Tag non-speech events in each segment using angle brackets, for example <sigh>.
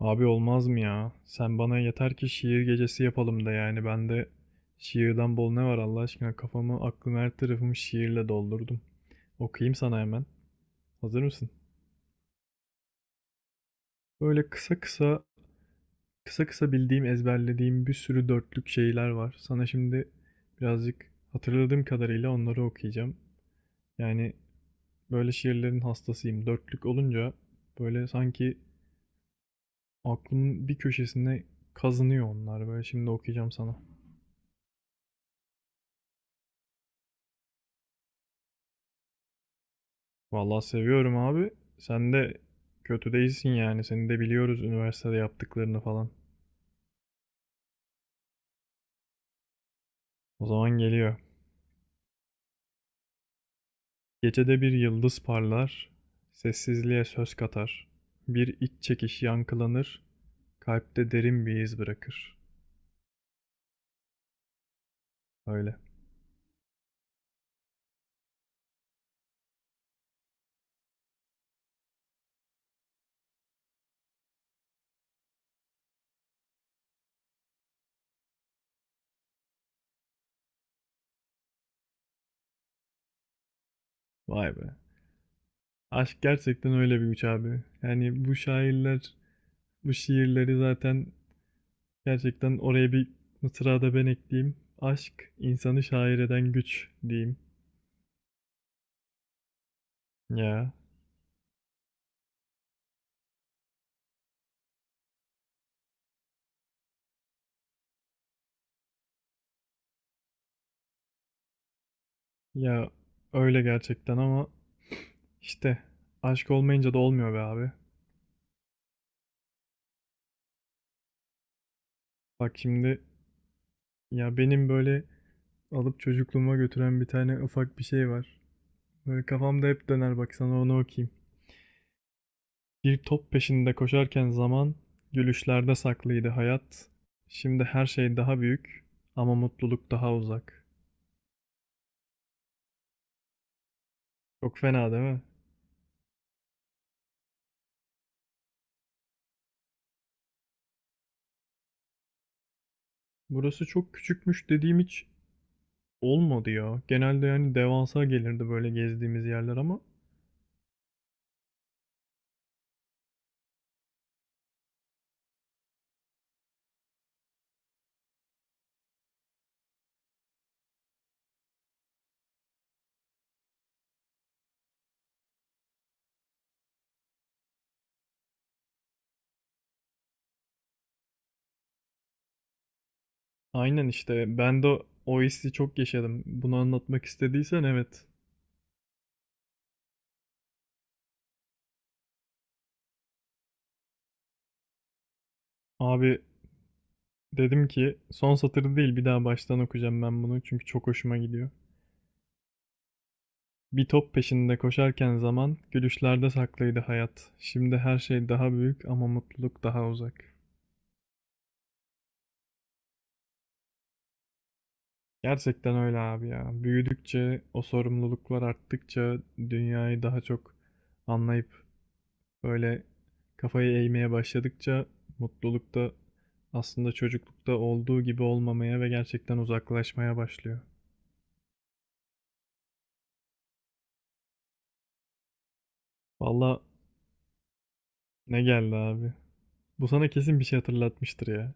Abi olmaz mı ya? Sen bana yeter ki şiir gecesi yapalım da yani ben de şiirden bol ne var Allah aşkına kafamı aklımı her tarafımı şiirle doldurdum. Okuyayım sana hemen. Hazır mısın? Böyle kısa kısa kısa kısa bildiğim ezberlediğim bir sürü dörtlük şeyler var. Sana şimdi birazcık hatırladığım kadarıyla onları okuyacağım. Yani böyle şiirlerin hastasıyım. Dörtlük olunca böyle sanki aklımın bir köşesine kazınıyor onlar. Böyle şimdi okuyacağım sana. Vallahi seviyorum abi. Sen de kötü değilsin yani. Seni de biliyoruz üniversitede yaptıklarını falan. O zaman geliyor. Gecede bir yıldız parlar, sessizliğe söz katar. Bir iç çekiş yankılanır, kalpte derin bir iz bırakır. Öyle. Vay be. Aşk gerçekten öyle bir güç abi. Yani bu şairler, bu şiirleri zaten gerçekten oraya bir mısra da ben ekleyeyim. Aşk insanı şair eden güç diyeyim. Ya Ya öyle gerçekten ama işte aşk olmayınca da olmuyor be abi. Bak şimdi ya benim böyle alıp çocukluğuma götüren bir tane ufak bir şey var. Böyle kafamda hep döner bak sana onu okuyayım. Bir top peşinde koşarken zaman gülüşlerde saklıydı hayat. Şimdi her şey daha büyük ama mutluluk daha uzak. Çok fena değil mi? Burası çok küçükmüş dediğim hiç olmadı ya. Genelde yani devasa gelirdi böyle gezdiğimiz yerler ama aynen işte ben de o hissi çok yaşadım. Bunu anlatmak istediysen evet. Abi dedim ki son satırı değil bir daha baştan okuyacağım ben bunu çünkü çok hoşuma gidiyor. Bir top peşinde koşarken zaman gülüşlerde saklıydı hayat. Şimdi her şey daha büyük ama mutluluk daha uzak. Gerçekten öyle abi ya. Büyüdükçe, o sorumluluklar arttıkça dünyayı daha çok anlayıp böyle kafayı eğmeye başladıkça mutluluk da aslında çocuklukta olduğu gibi olmamaya ve gerçekten uzaklaşmaya başlıyor. Valla ne geldi abi. Bu sana kesin bir şey hatırlatmıştır ya.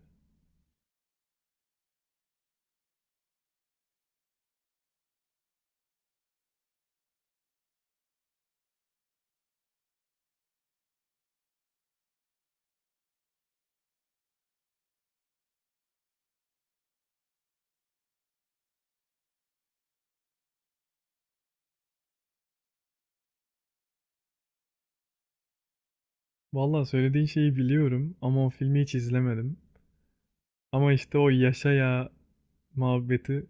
Valla söylediğin şeyi biliyorum ama o filmi hiç izlemedim. Ama işte o yaşa ya muhabbeti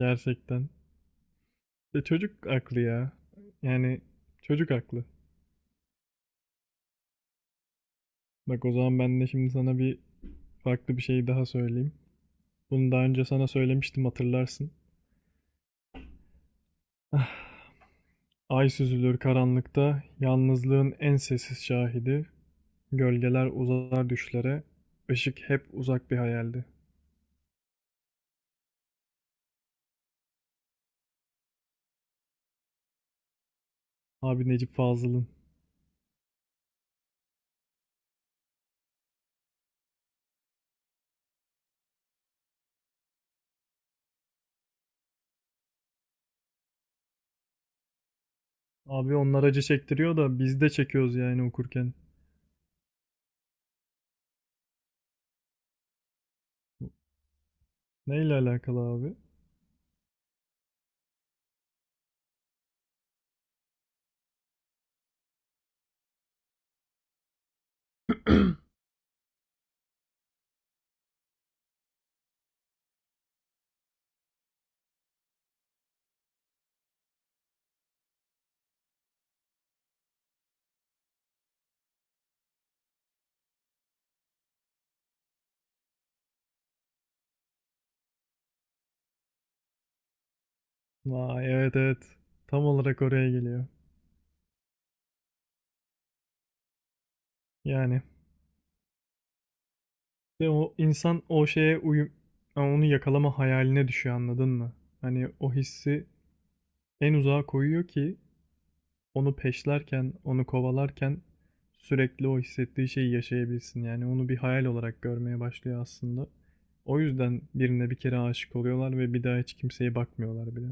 gerçekten. E çocuk aklı ya. Yani çocuk aklı. Bak o zaman ben de şimdi sana bir farklı bir şey daha söyleyeyim. Bunu daha önce sana söylemiştim hatırlarsın. <laughs> Ay süzülür karanlıkta, yalnızlığın en sessiz şahidi. Gölgeler uzar düşlere, ışık hep uzak bir hayaldi. Abi Necip Fazıl'ın. Abi onlar acı çektiriyor da biz de çekiyoruz yani okurken. Neyle alakalı abi? Vay, evet, evet. Tam olarak oraya geliyor. Yani. De o insan o şeye uyum... yani onu yakalama hayaline düşüyor anladın mı? Hani o hissi en uzağa koyuyor ki onu peşlerken, onu kovalarken sürekli o hissettiği şeyi yaşayabilsin. Yani onu bir hayal olarak görmeye başlıyor aslında. O yüzden birine bir kere aşık oluyorlar ve bir daha hiç kimseye bakmıyorlar bile.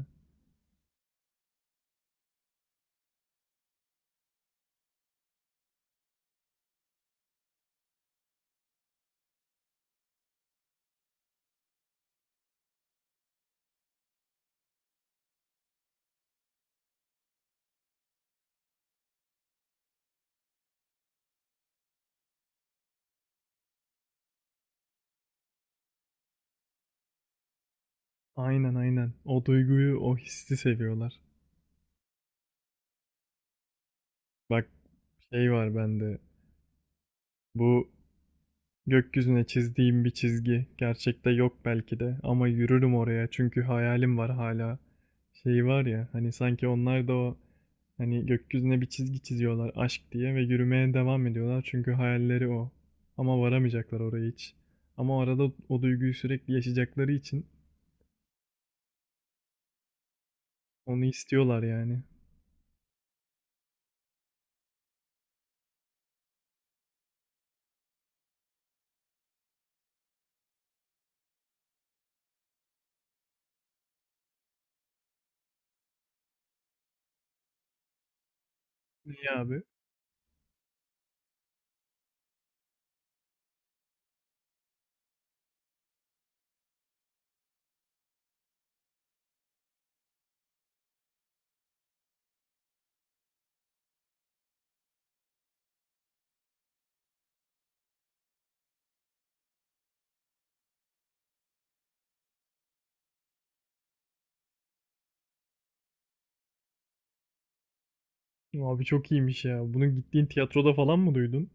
Aynen, aynen. O duyguyu, o hissi seviyorlar. Bak şey var bende. Bu gökyüzüne çizdiğim bir çizgi. Gerçekte yok belki de ama yürürüm oraya çünkü hayalim var hala. Şey var ya hani sanki onlar da o hani gökyüzüne bir çizgi çiziyorlar aşk diye ve yürümeye devam ediyorlar çünkü hayalleri o. Ama varamayacaklar oraya hiç. Ama arada o duyguyu sürekli yaşayacakları için onu istiyorlar yani. Ne abi? Abi çok iyiymiş ya. Bunu gittiğin tiyatroda falan mı duydun?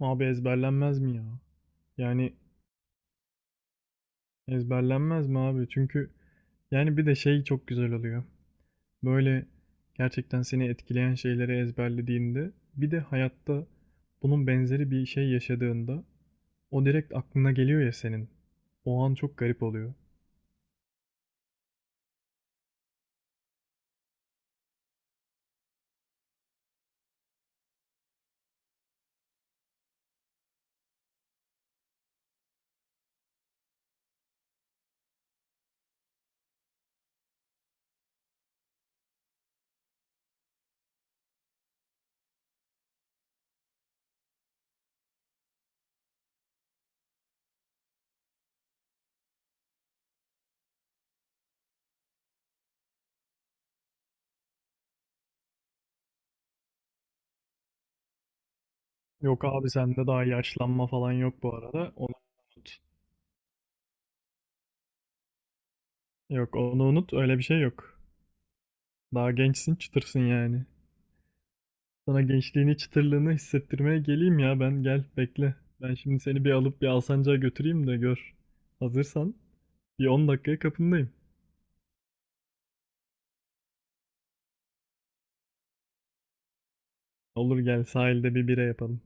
Abi ezberlenmez mi ya? Yani ezberlenmez mi abi? Çünkü yani bir de şey çok güzel oluyor. Böyle gerçekten seni etkileyen şeyleri ezberlediğinde bir de hayatta bunun benzeri bir şey yaşadığında o direkt aklına geliyor ya senin. O an çok garip oluyor. Yok abi sende daha yaşlanma falan yok bu arada. Onu unut. Yok onu unut, öyle bir şey yok. Daha gençsin çıtırsın yani. Sana gençliğini, çıtırlığını hissettirmeye geleyim ya ben. Gel bekle. Ben şimdi seni bir alıp bir Alsancak'a götüreyim de gör. Hazırsan bir 10 dakikaya kapındayım. Olur gel sahilde bir bira yapalım.